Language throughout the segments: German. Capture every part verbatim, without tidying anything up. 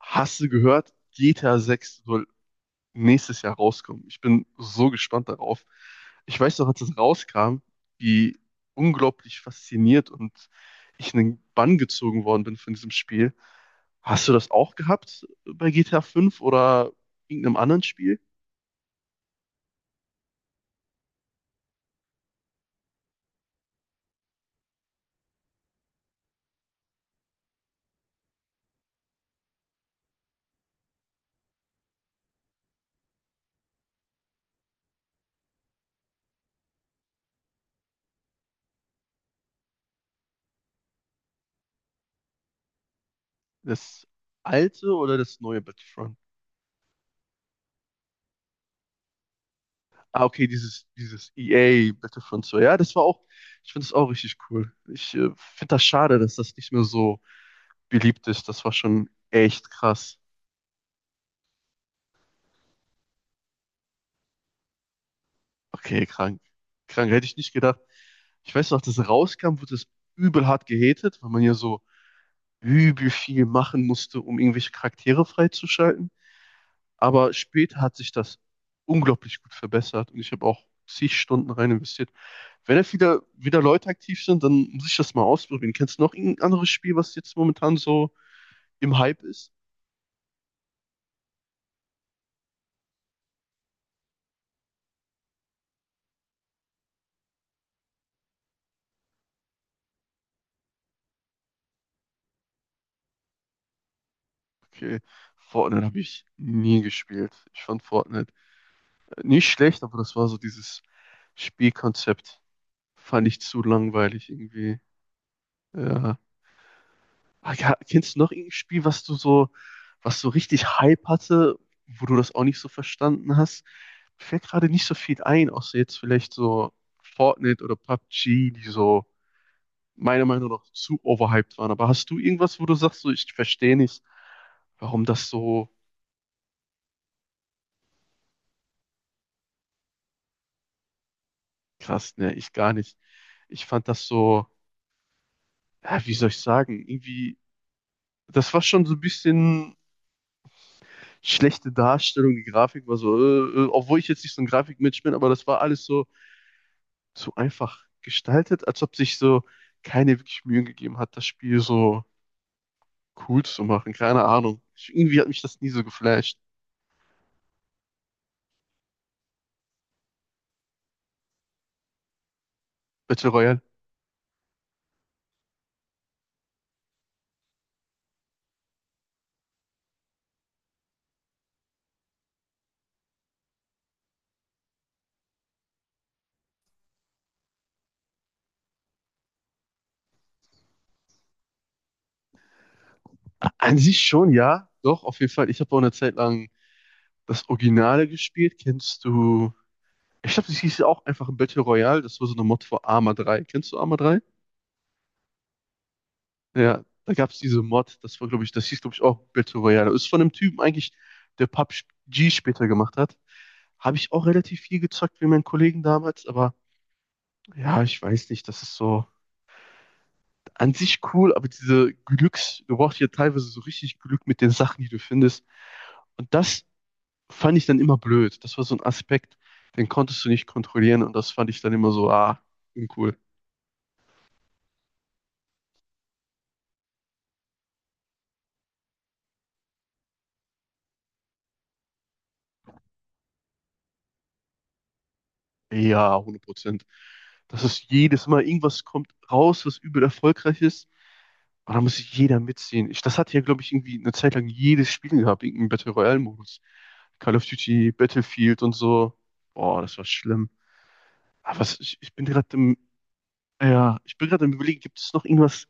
Hast du gehört, G T A sechs soll nächstes Jahr rauskommen? Ich bin so gespannt darauf. Ich weiß noch, als es rauskam, wie unglaublich fasziniert und ich in den Bann gezogen worden bin von diesem Spiel. Hast du das auch gehabt bei G T A fünf oder irgendeinem anderen Spiel? Das alte oder das neue Battlefront? Ah, okay, dieses, dieses E A Battlefront zwei. Ja, das war auch, ich finde das auch richtig cool. Ich äh, finde das schade, dass das nicht mehr so beliebt ist. Das war schon echt krass. Okay, krank. Krank, hätte ich nicht gedacht. Ich weiß noch, als das rauskam, wurde das übel hart gehatet, weil man ja so übel viel machen musste, um irgendwelche Charaktere freizuschalten. Aber später hat sich das unglaublich gut verbessert und ich habe auch zig Stunden rein investiert. Wenn jetzt wieder, wieder Leute aktiv sind, dann muss ich das mal ausprobieren. Kennst du noch irgendein anderes Spiel, was jetzt momentan so im Hype ist? Okay, Fortnite habe ich nie gespielt. Ich fand Fortnite äh, nicht schlecht, aber das war so dieses Spielkonzept. Fand ich zu langweilig irgendwie. Ja. Ah, ja, kennst du noch irgendein Spiel, was du so, was so richtig Hype hatte, wo du das auch nicht so verstanden hast? Mir fällt gerade nicht so viel ein, außer jetzt vielleicht so Fortnite oder P U B G, die so meiner Meinung nach zu overhyped waren. Aber hast du irgendwas, wo du sagst, so, ich verstehe nicht, warum das so krass, ne, ich gar nicht. Ich fand das so, ja, wie soll ich sagen, irgendwie, das war schon so ein bisschen schlechte Darstellung, die Grafik war so, äh, äh, obwohl ich jetzt nicht so ein Grafikmensch bin, aber das war alles so, so einfach gestaltet, als ob sich so keine wirklich Mühe gegeben hat, das Spiel so cool zu machen. Keine Ahnung. Ich, irgendwie hat mich das nie so geflasht. Battle Royale. An sich schon, ja. Doch, auf jeden Fall. Ich habe auch eine Zeit lang das Originale gespielt. Kennst du? Ich glaube, das hieß ja auch einfach Battle Royale. Das war so eine Mod für Arma drei. Kennst du Arma drei? Ja, da gab es diese Mod. Das war, glaube ich, das hieß, glaube ich, auch Battle Royale. Ist von einem Typen eigentlich, der P U B G später gemacht hat. Habe ich auch relativ viel gezockt wie meinen Kollegen damals, aber ja, ich weiß nicht, das ist so an sich cool, aber diese Glücks, du brauchst ja teilweise so richtig Glück mit den Sachen, die du findest. Und das fand ich dann immer blöd. Das war so ein Aspekt, den konntest du nicht kontrollieren und das fand ich dann immer so, ah, uncool. Ja, hundert Prozent. Das ist jedes Mal irgendwas kommt raus, was übel erfolgreich ist. Und da muss sich jeder mitziehen. Ich, das hatte ja, glaube ich, irgendwie eine Zeit lang jedes Spiel gehabt, irgendeinen Battle Royale-Modus. Call of Duty, Battlefield und so. Boah, das war schlimm. Aber was, ich, ich bin gerade ja, ich bin gerade am Überlegen, gibt es noch irgendwas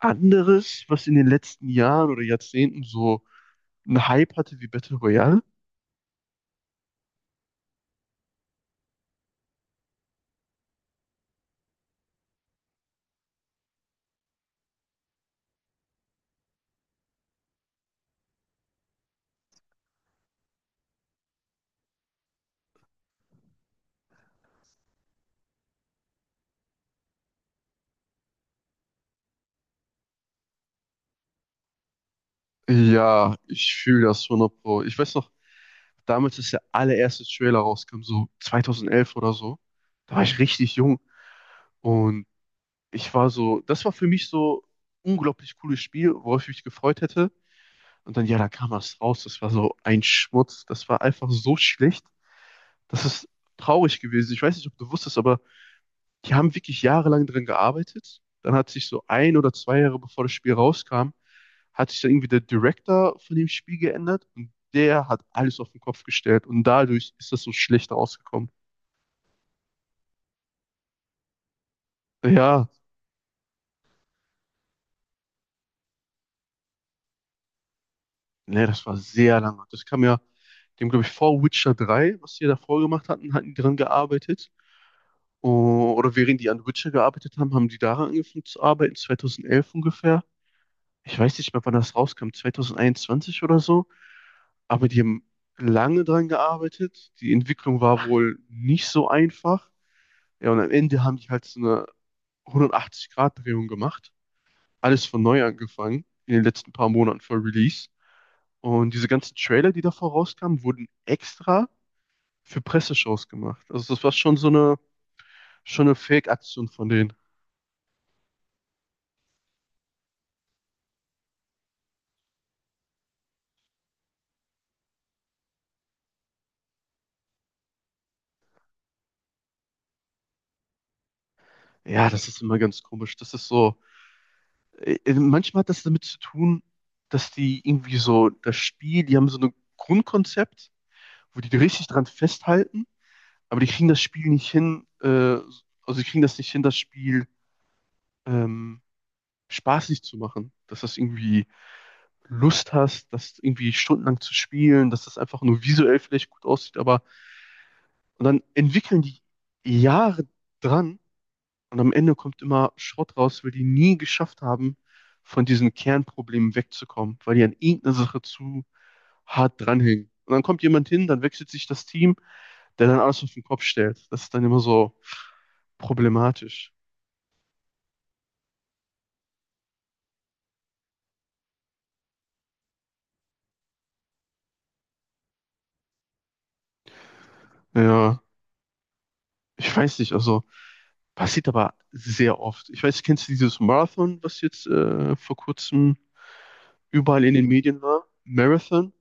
anderes, was in den letzten Jahren oder Jahrzehnten so einen Hype hatte wie Battle Royale? Ja, ich fühle das hundert Pro. Ich weiß noch, damals, als der allererste Trailer rauskam, so zwanzig elf oder so, da war ich richtig jung und ich war so, das war für mich so unglaublich cooles Spiel, worauf ich mich gefreut hätte. Und dann, ja, da kam was raus, das war so ein Schmutz, das war einfach so schlecht, das ist traurig gewesen. Ich weiß nicht, ob du wusstest, aber die haben wirklich jahrelang dran gearbeitet. Dann hat sich so ein oder zwei Jahre bevor das Spiel rauskam, hat sich dann irgendwie der Director von dem Spiel geändert und der hat alles auf den Kopf gestellt und dadurch ist das so schlecht rausgekommen. Ja, ne, das war sehr lange. Das kam ja, dem glaube ich vor Witcher drei, was die davor gemacht hatten, hatten die dran gearbeitet. O- Oder während die an Witcher gearbeitet haben, haben die daran angefangen zu arbeiten, zweitausendelf ungefähr. Ich weiß nicht mehr, wann das rauskam, zwanzig einundzwanzig oder so. Aber die haben lange dran gearbeitet. Die Entwicklung war wohl nicht so einfach. Ja, und am Ende haben die halt so eine hundertachtzig-Grad-Drehung gemacht. Alles von neu angefangen in den letzten paar Monaten vor Release. Und diese ganzen Trailer, die davor rauskamen, wurden extra für Presseshows gemacht. Also das war schon so eine, schon eine Fake-Aktion von denen. Ja, das ist immer ganz komisch. Das ist so, äh, manchmal hat das damit zu tun, dass die irgendwie so das Spiel, die haben so ein Grundkonzept wo die richtig dran festhalten, aber die kriegen das Spiel nicht hin, äh, also die kriegen das nicht hin, das Spiel ähm, spaßig zu machen, dass das irgendwie Lust hast, das irgendwie stundenlang zu spielen, dass das einfach nur visuell vielleicht gut aussieht, aber und dann entwickeln die Jahre dran und am Ende kommt immer Schrott raus, weil die nie geschafft haben, von diesen Kernproblemen wegzukommen, weil die an irgendeiner Sache zu hart dranhängen. Und dann kommt jemand hin, dann wechselt sich das Team der dann alles auf den Kopf stellt. Das ist dann immer so problematisch. Ja, ich weiß nicht, also passiert aber sehr oft. Ich weiß, kennst du dieses Marathon, was jetzt äh, vor kurzem überall in den Medien war? Marathon.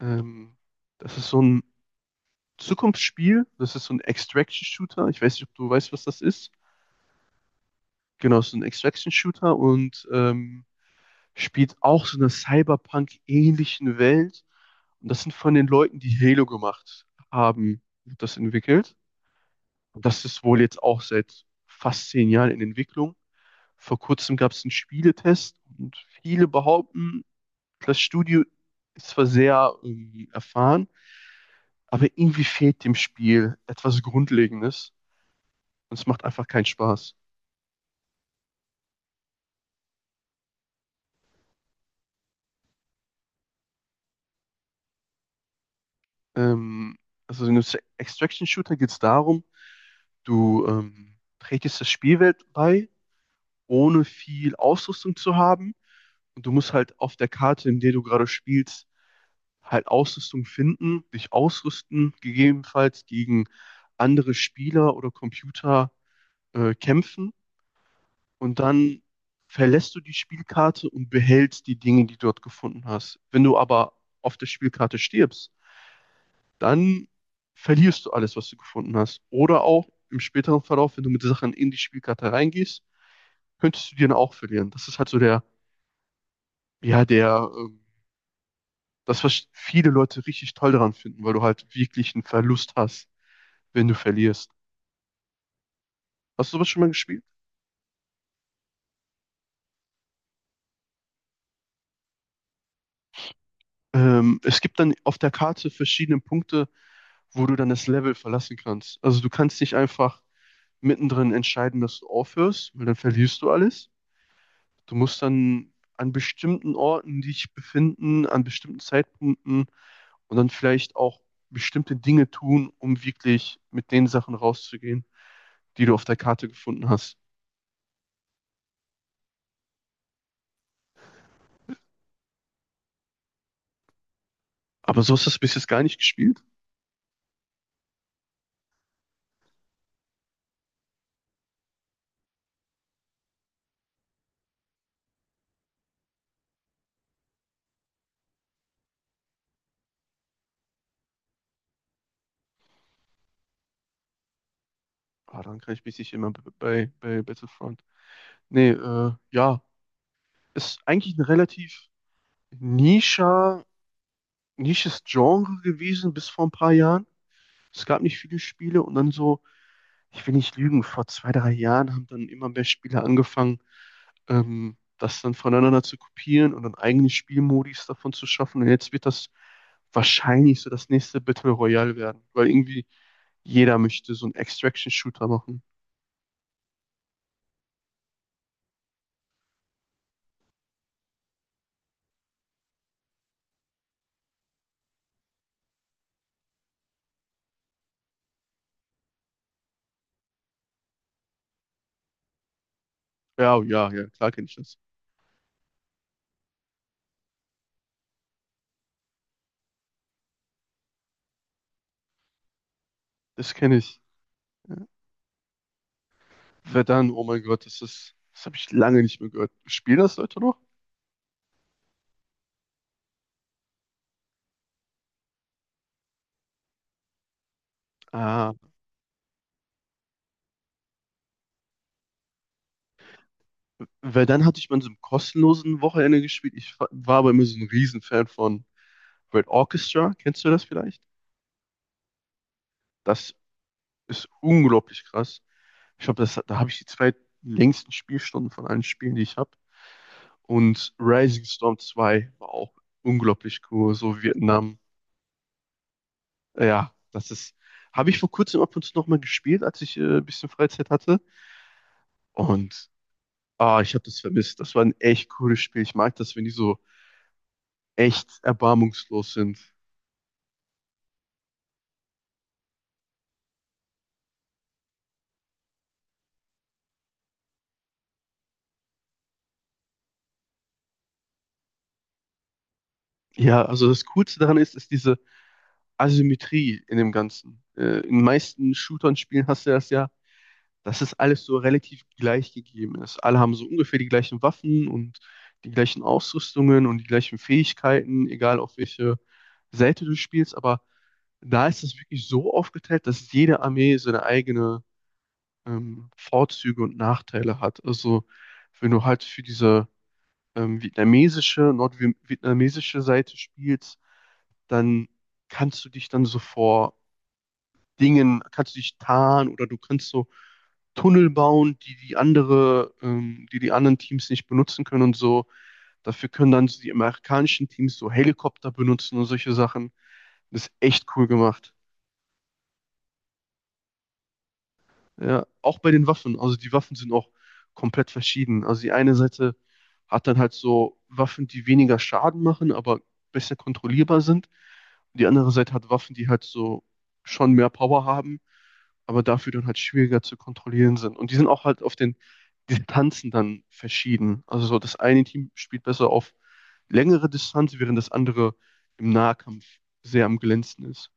Ähm, Das ist so ein Zukunftsspiel. Das ist so ein Extraction-Shooter. Ich weiß nicht, ob du weißt, was das ist. Genau, so ein Extraction-Shooter und ähm, spielt auch so einer Cyberpunk-ähnlichen Welt. Und das sind von den Leuten, die Halo gemacht haben, wird das entwickelt. Und das ist wohl jetzt auch seit fast zehn Jahren in Entwicklung. Vor kurzem gab es einen Spieletest und viele behaupten, das Studio ist zwar sehr ähm, erfahren, aber irgendwie fehlt dem Spiel etwas Grundlegendes und es macht einfach keinen Spaß. Ähm, also in einem Se- Extraction-Shooter geht es darum, du ähm, trägst das Spielwelt bei, ohne viel Ausrüstung zu haben. Und du musst halt auf der Karte, in der du gerade spielst, halt Ausrüstung finden, dich ausrüsten, gegebenenfalls gegen andere Spieler oder Computer äh, kämpfen und dann verlässt du die Spielkarte und behältst die Dinge, die du dort gefunden hast. Wenn du aber auf der Spielkarte stirbst, dann verlierst du alles, was du gefunden hast. Oder auch im späteren Verlauf, wenn du mit Sachen in die Spielkarte reingehst, könntest du die dann auch verlieren. Das ist halt so der, ja, der, äh, das, was viele Leute richtig toll daran finden, weil du halt wirklich einen Verlust hast, wenn du verlierst. Hast du sowas schon mal gespielt? Ähm, es gibt dann auf der Karte verschiedene Punkte, wo du dann das Level verlassen kannst. Also du kannst nicht einfach mittendrin entscheiden, dass du aufhörst, weil dann verlierst du alles. Du musst dann an bestimmten Orten dich befinden, an bestimmten Zeitpunkten und dann vielleicht auch bestimmte Dinge tun, um wirklich mit den Sachen rauszugehen, die du auf der Karte gefunden hast. Aber so hast du es bis jetzt gar nicht gespielt. Ah, dann kann ich mich nicht immer bei, bei Battlefront. Nee, äh, ja, ist eigentlich ein relativ nischer, nisches Genre gewesen bis vor ein paar Jahren. Es gab nicht viele Spiele und dann so, ich will nicht lügen, vor zwei, drei Jahren haben dann immer mehr Spieler angefangen, ähm, das dann voneinander zu kopieren und dann eigene Spielmodis davon zu schaffen. Und jetzt wird das wahrscheinlich so das nächste Battle Royale werden, weil irgendwie jeder möchte so einen Extraction-Shooter machen. Ja, ja, ja, klar kenne ich das. Das kenne ich. Ja. Verdun, oh mein Gott, das ist, das habe ich lange nicht mehr gehört. Spielen das Leute noch? Ah, Verdun hatte ich mal in so einem kostenlosen Wochenende gespielt. Ich fa- war aber immer so ein Riesenfan von Red Orchestra. Kennst du das vielleicht? Das ist unglaublich krass. Ich glaube, das, da habe ich die zwei längsten Spielstunden von allen Spielen, die ich habe. Und Rising Storm zwei war auch unglaublich cool. So Vietnam. Ja, das ist. Habe ich vor kurzem ab und zu nochmal gespielt, als ich äh, ein bisschen Freizeit hatte. Und ah, ich habe das vermisst. Das war ein echt cooles Spiel. Ich mag das, wenn die so echt erbarmungslos sind. Ja, also das Coolste daran ist, ist diese Asymmetrie in dem Ganzen. Äh, in den meisten Shootern-Spielen hast du das ja, dass es alles so relativ gleich gegeben ist. Alle haben so ungefähr die gleichen Waffen und die gleichen Ausrüstungen und die gleichen Fähigkeiten, egal auf welche Seite du spielst. Aber da ist es wirklich so aufgeteilt, dass jede Armee seine eigene ähm, Vorzüge und Nachteile hat. Also wenn du halt für diese ähm, vietnamesische, nordvietnamesische Seite spielst, dann kannst du dich dann so vor Dingen, kannst du dich tarnen oder du kannst so Tunnel bauen, die die andere, ähm, die die anderen Teams nicht benutzen können und so. Dafür können dann so die amerikanischen Teams so Helikopter benutzen und solche Sachen. Das ist echt cool gemacht. Ja, auch bei den Waffen. Also die Waffen sind auch komplett verschieden. Also die eine Seite hat dann halt so Waffen, die weniger Schaden machen, aber besser kontrollierbar sind. Und die andere Seite hat Waffen, die halt so schon mehr Power haben, aber dafür dann halt schwieriger zu kontrollieren sind. Und die sind auch halt auf den Distanzen dann verschieden. Also so das eine Team spielt besser auf längere Distanz, während das andere im Nahkampf sehr am glänzen ist.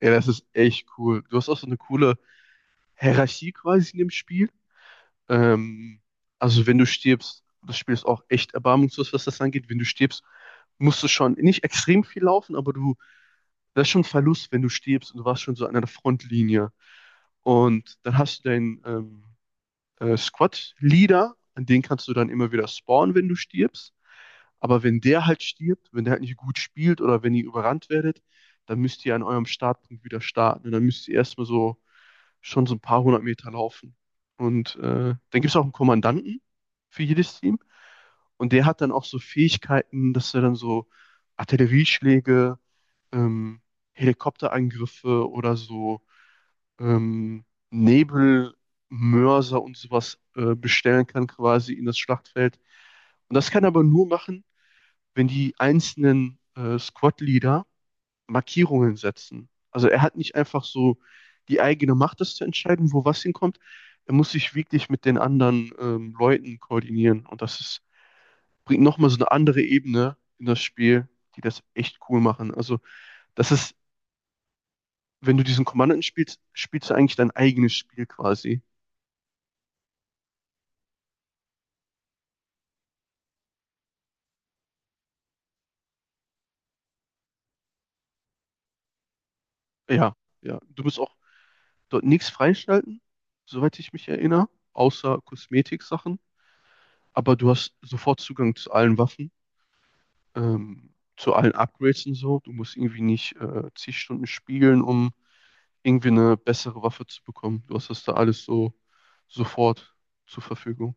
Ja, das ist echt cool. Du hast auch so eine coole Hierarchie quasi in dem Spiel. Ähm, also wenn du stirbst, das Spiel ist auch echt erbarmungslos, was das angeht. Wenn du stirbst, musst du schon nicht extrem viel laufen, aber du, das ist schon ein Verlust, wenn du stirbst und du warst schon so an der Frontlinie. Und dann hast du deinen ähm, äh, Squad-Leader, an den kannst du dann immer wieder spawnen, wenn du stirbst. Aber wenn der halt stirbt, wenn der halt nicht gut spielt oder wenn ihr überrannt werdet, dann müsst ihr an eurem Startpunkt wieder starten. Und dann müsst ihr erstmal so schon so ein paar hundert Meter laufen. Und äh, dann gibt es auch einen Kommandanten für jedes Team. Und der hat dann auch so Fähigkeiten, dass er dann so Artillerieschläge, ähm, Helikopterangriffe oder so ähm, Nebelmörser und sowas äh, bestellen kann, quasi in das Schlachtfeld. Und das kann er aber nur machen, wenn die einzelnen äh, Squad-Leader Markierungen setzen. Also er hat nicht einfach so die eigene Macht, das zu entscheiden, wo was hinkommt. Er muss sich wirklich mit den anderen ähm, Leuten koordinieren. Und das ist, bringt nochmal so eine andere Ebene in das Spiel, die das echt cool machen. Also das ist, wenn du diesen Kommandanten spielst, spielst du eigentlich dein eigenes Spiel quasi. Ja, ja. Du musst auch dort nichts freischalten, soweit ich mich erinnere, außer Kosmetiksachen. Aber du hast sofort Zugang zu allen Waffen, ähm, zu allen Upgrades und so. Du musst irgendwie nicht äh, zig Stunden spiegeln, um irgendwie eine bessere Waffe zu bekommen. Du hast das da alles so sofort zur Verfügung.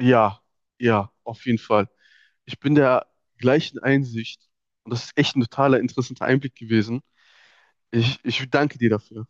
Ja, ja, auf jeden Fall. Ich bin der gleichen Einsicht und das ist echt ein totaler interessanter Einblick gewesen. Ich, ich danke dir dafür.